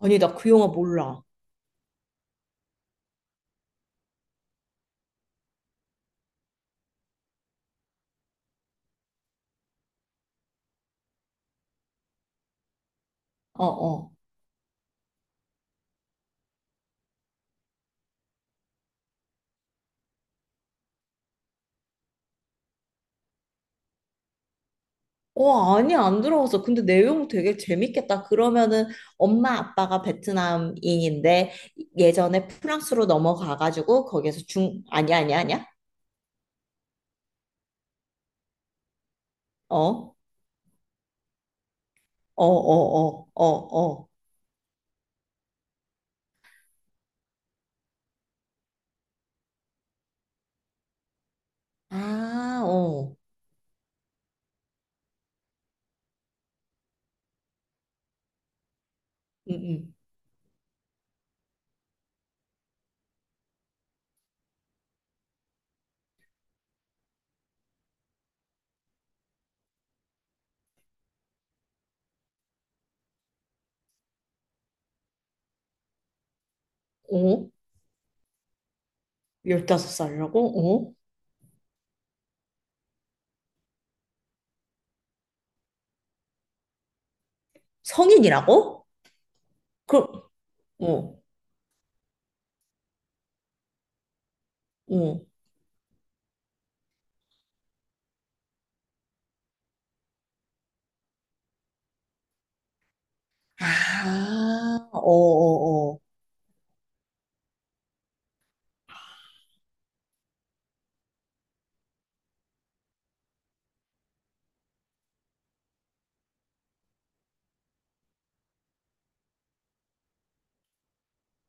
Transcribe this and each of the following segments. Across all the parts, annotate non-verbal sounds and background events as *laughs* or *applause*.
아니, 나 그 영화 몰라. 어, 어. 어, 아니, 안 들어봤어. 근데 내용 되게 재밌겠다. 그러면은 엄마 아빠가 베트남인인데 예전에 프랑스로 넘어가가지고 거기에서 중, 아니야? 어? 어, 어, 어, 어, 어. 아, 어. 응, 응. 어? 15살이라고? 어? 성인이라고? 그, 어, 어. 아, 어, 어, 어.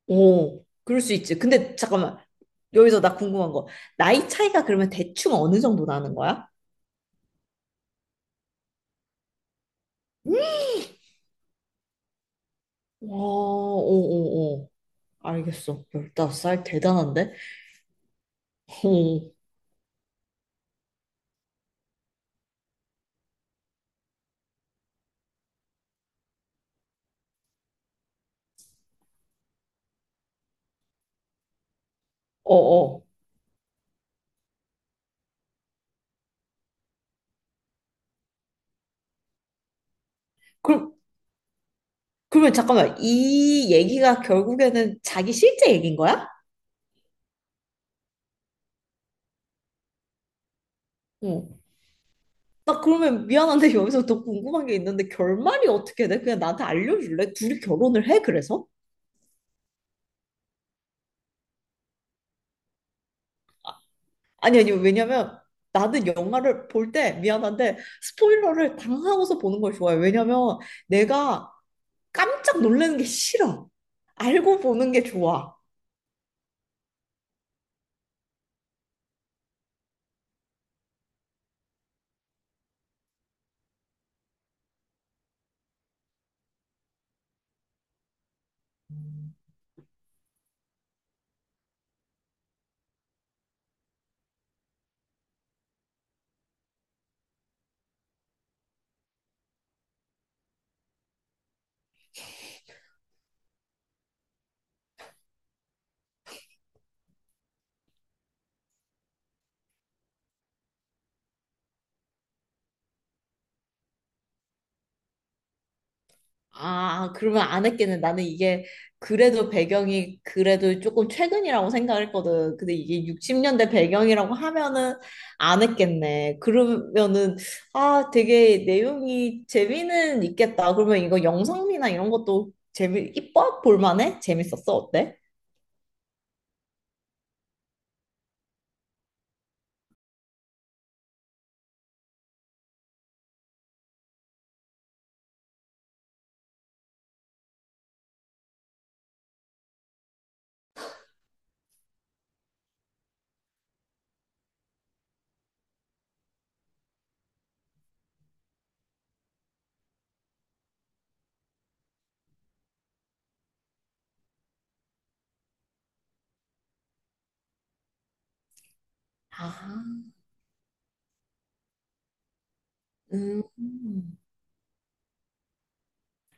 오, 그럴 수 있지. 근데 잠깐만. 여기서 나 궁금한 거. 나이 차이가 그러면 대충 어느 정도 나는 거야? 와, 오. 알겠어. 15살 대단한데? 오, 어, 어. 그럼, 그러면 잠깐만. 이 얘기가 결국에는 자기 실제 얘기인 거야? 어. 나 그러면 미안한데 여기서 더 궁금한 게 있는데 결말이 어떻게 돼? 그냥 나한테 알려줄래? 둘이 결혼을 해, 그래서? 아니, 왜냐면 나는 영화를 볼 때 미안한데 스포일러를 당하고서 보는 걸 좋아해. 왜냐면 내가 깜짝 놀라는 게 싫어. 알고 보는 게 좋아. 아, 그러면 안 했겠네. 나는 이게 그래도 배경이 그래도 조금 최근이라고 생각했거든. 근데 이게 60년대 배경이라고 하면은 안 했겠네. 그러면은 아, 되게 내용이 재미는 있겠다. 그러면 이거 영상미나 이런 것도 재미, 이뻐? 볼만해? 재밌었어? 어때? 아, 음.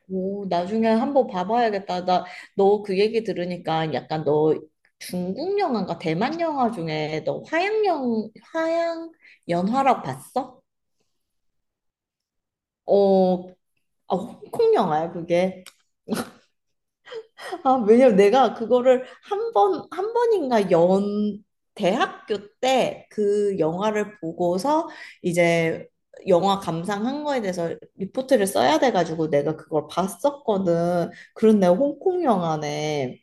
오, 나중에 한번 봐봐야겠다. 나, 너 그 얘기 들으니까 약간 너 중국 영화인가 대만 영화 중에 너 화양영, 화양 연화라고 봤어? 어, 아, 홍콩 영화야, 그게. 아, 왜냐면 내가 그거를 한 번인가 연, 대학교 때 그 영화를 보고서 이제 영화 감상한 거에 대해서 리포트를 써야 돼가지고 내가 그걸 봤었거든. 그런 내가 홍콩 영화네.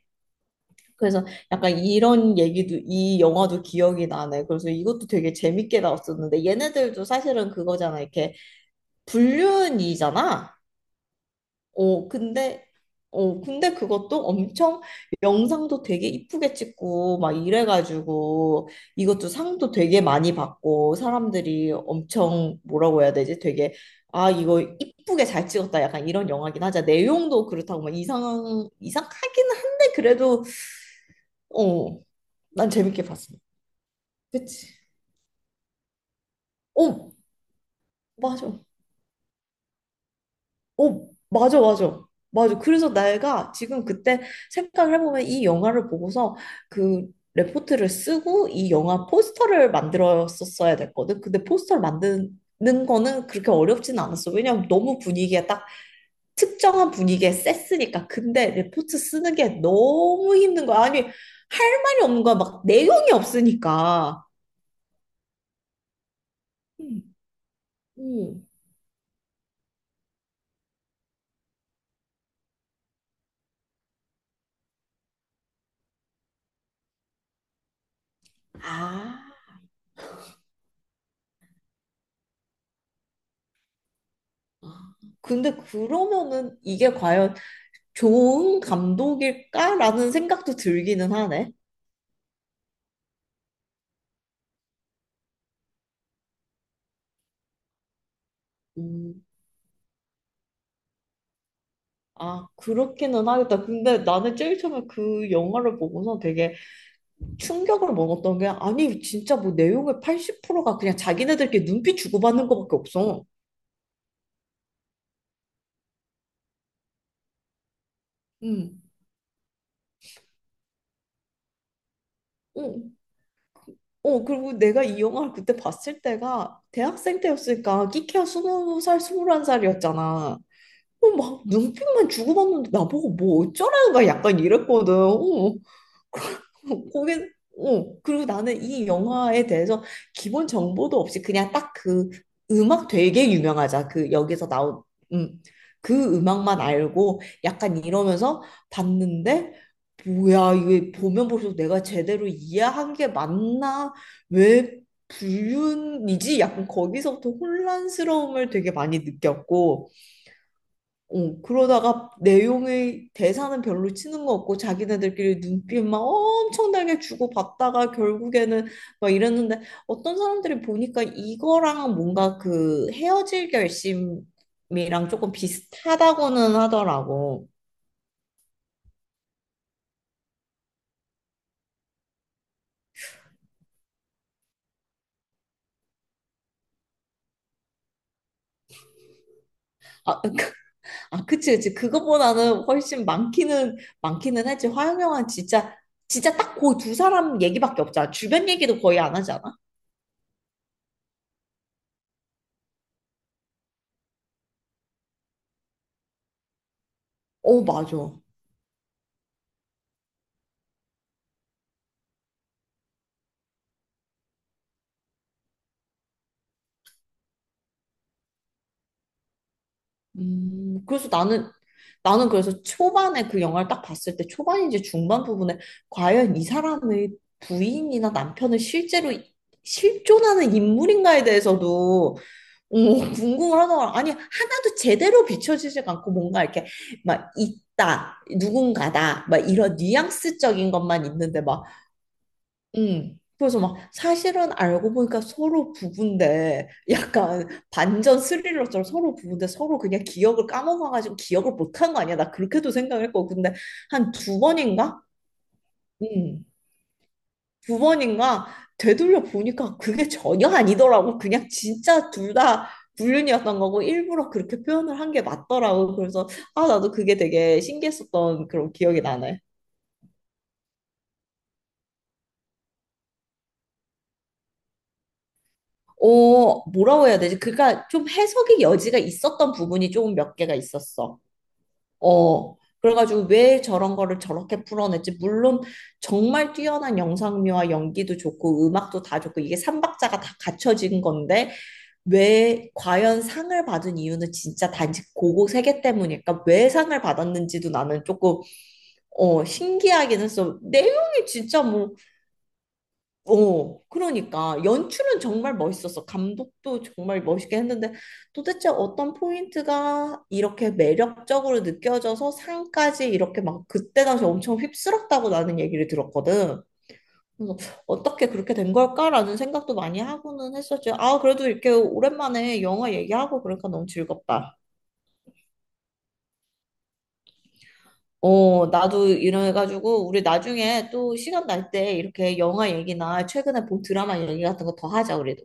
그래서 약간 이런 얘기도, 이 영화도 기억이 나네. 그래서 이것도 되게 재밌게 나왔었는데 얘네들도 사실은 그거잖아. 이렇게 불륜이잖아. 어, 근데, 어, 근데 그것도 엄청 영상도 되게 이쁘게 찍고 막 이래가지고 이것도 상도 되게 많이 받고 사람들이 엄청 뭐라고 해야 되지? 되게 아, 이거 이쁘게 잘 찍었다. 약간 이런 영화긴 하자. 내용도 그렇다고 막 이상, 이상하긴 한데 그래도 어, 난 재밌게 봤어. 그치? 어, 맞아. 어, 맞아. 맞아. 그래서 내가 지금 그때 생각을 해보면 이 영화를 보고서 그 레포트를 쓰고 이 영화 포스터를 만들었었어야 됐거든. 근데 포스터를 만드는 거는 그렇게 어렵진 않았어. 왜냐면 너무 분위기에 딱 특정한 분위기에 셌으니까. 근데 레포트 쓰는 게 너무 힘든 거야. 아니, 할 말이 없는 거야. 막 내용이 없으니까. 음. 음. 아. 근데 그러면은 이게 과연 좋은 감독일까라는 생각도 들기는 하네. 음, 아, 그렇기는 하겠다. 근데 나는 제일 처음에 그 영화를 보고서 되게 충격을 먹었던 게, 아니, 진짜 뭐 내용의 80%가 그냥 자기네들끼리 눈빛 주고받는 것밖에 없어. 음. 어, 어, 그리고 내가 이 영화를 그때 봤을 때가 대학생 때였으니까 끼케야 스무 살, 스물한 살이었잖아. 어, 막 눈빛만 주고받는데 나보고 뭐 어쩌라는 거야 약간 이랬거든. 어. 거기 어 그리고 나는 이 영화에 대해서 기본 정보도 없이 그냥 딱 그 음악 되게 유명하자 그 여기서 나온 음, 그 음악만 알고 약간 이러면서 봤는데 뭐야 이게 보면 볼수록 내가 제대로 이해한 게 맞나 왜 불륜이지 약간 거기서부터 혼란스러움을 되게 많이 느꼈고 어, 그러다가 내용의 대사는 별로 치는 거 없고 자기네들끼리 눈빛 막 엄청나게 주고받다가 결국에는 막 이랬는데 어떤 사람들이 보니까 이거랑 뭔가 그 헤어질 결심이랑 조금 비슷하다고는 하더라고. 아, *laughs* 그- 아 그치 그것보다는 훨씬 많기는 했지. 화영영은 진짜 진짜 딱 그 두 사람 얘기밖에 없잖아. 주변 얘기도 거의 안 하잖아. 어 맞아. 그래서 나는 나는 그래서 초반에 그 영화를 딱 봤을 때 초반인지 중반 부분에 과연 이 사람의 부인이나 남편을 실제로 실존하는 인물인가에 대해서도 오, 궁금하더라. 아니, 하나도 제대로 비춰지지 않고 뭔가 이렇게 막 있다, 누군가다, 막 이런 뉘앙스적인 것만 있는데 막 그래서 막 사실은 알고 보니까 서로 부부인데 약간 반전 스릴러처럼 서로 부부인데 서로 그냥 기억을 까먹어가지고 기억을 못한 거 아니야? 나 그렇게도 생각했고 근데 한 두 번인가? 음. 두 번인가 되돌려 보니까 그게 전혀 아니더라고. 그냥 진짜 둘 다 불륜이었던 거고 일부러 그렇게 표현을 한 게 맞더라고. 그래서 아 나도 그게 되게 신기했었던 그런 기억이 나네. 어, 뭐라고 해야 되지? 그러니까 좀 해석의 여지가 있었던 부분이 조금 몇 개가 있었어. 어, 그래가지고 왜 저런 거를 저렇게 풀어냈지? 물론 정말 뛰어난 영상미와 연기도 좋고 음악도 다 좋고 이게 삼박자가 다 갖춰진 건데 왜 과연 상을 받은 이유는 진짜 단지 고고 세계 때문일까? 왜 상을 받았는지도 나는 조금 어, 신기하긴 했어. 내용이 진짜 뭐 어, 그러니까 연출은 정말 멋있었어. 감독도 정말 멋있게 했는데 도대체 어떤 포인트가 이렇게 매력적으로 느껴져서 상까지 이렇게 막 그때 당시 엄청 휩쓸었다고 나는 얘기를 들었거든. 그래서 어떻게 그렇게 된 걸까라는 생각도 많이 하고는 했었지. 아, 그래도 이렇게 오랜만에 영화 얘기하고 그러니까 너무 즐겁다. 어, 나도 이래가지고 우리 나중에 또 시간 날 때 이렇게 영화 얘기나 최근에 본 드라마 얘기 같은 거 더 하자, 우리.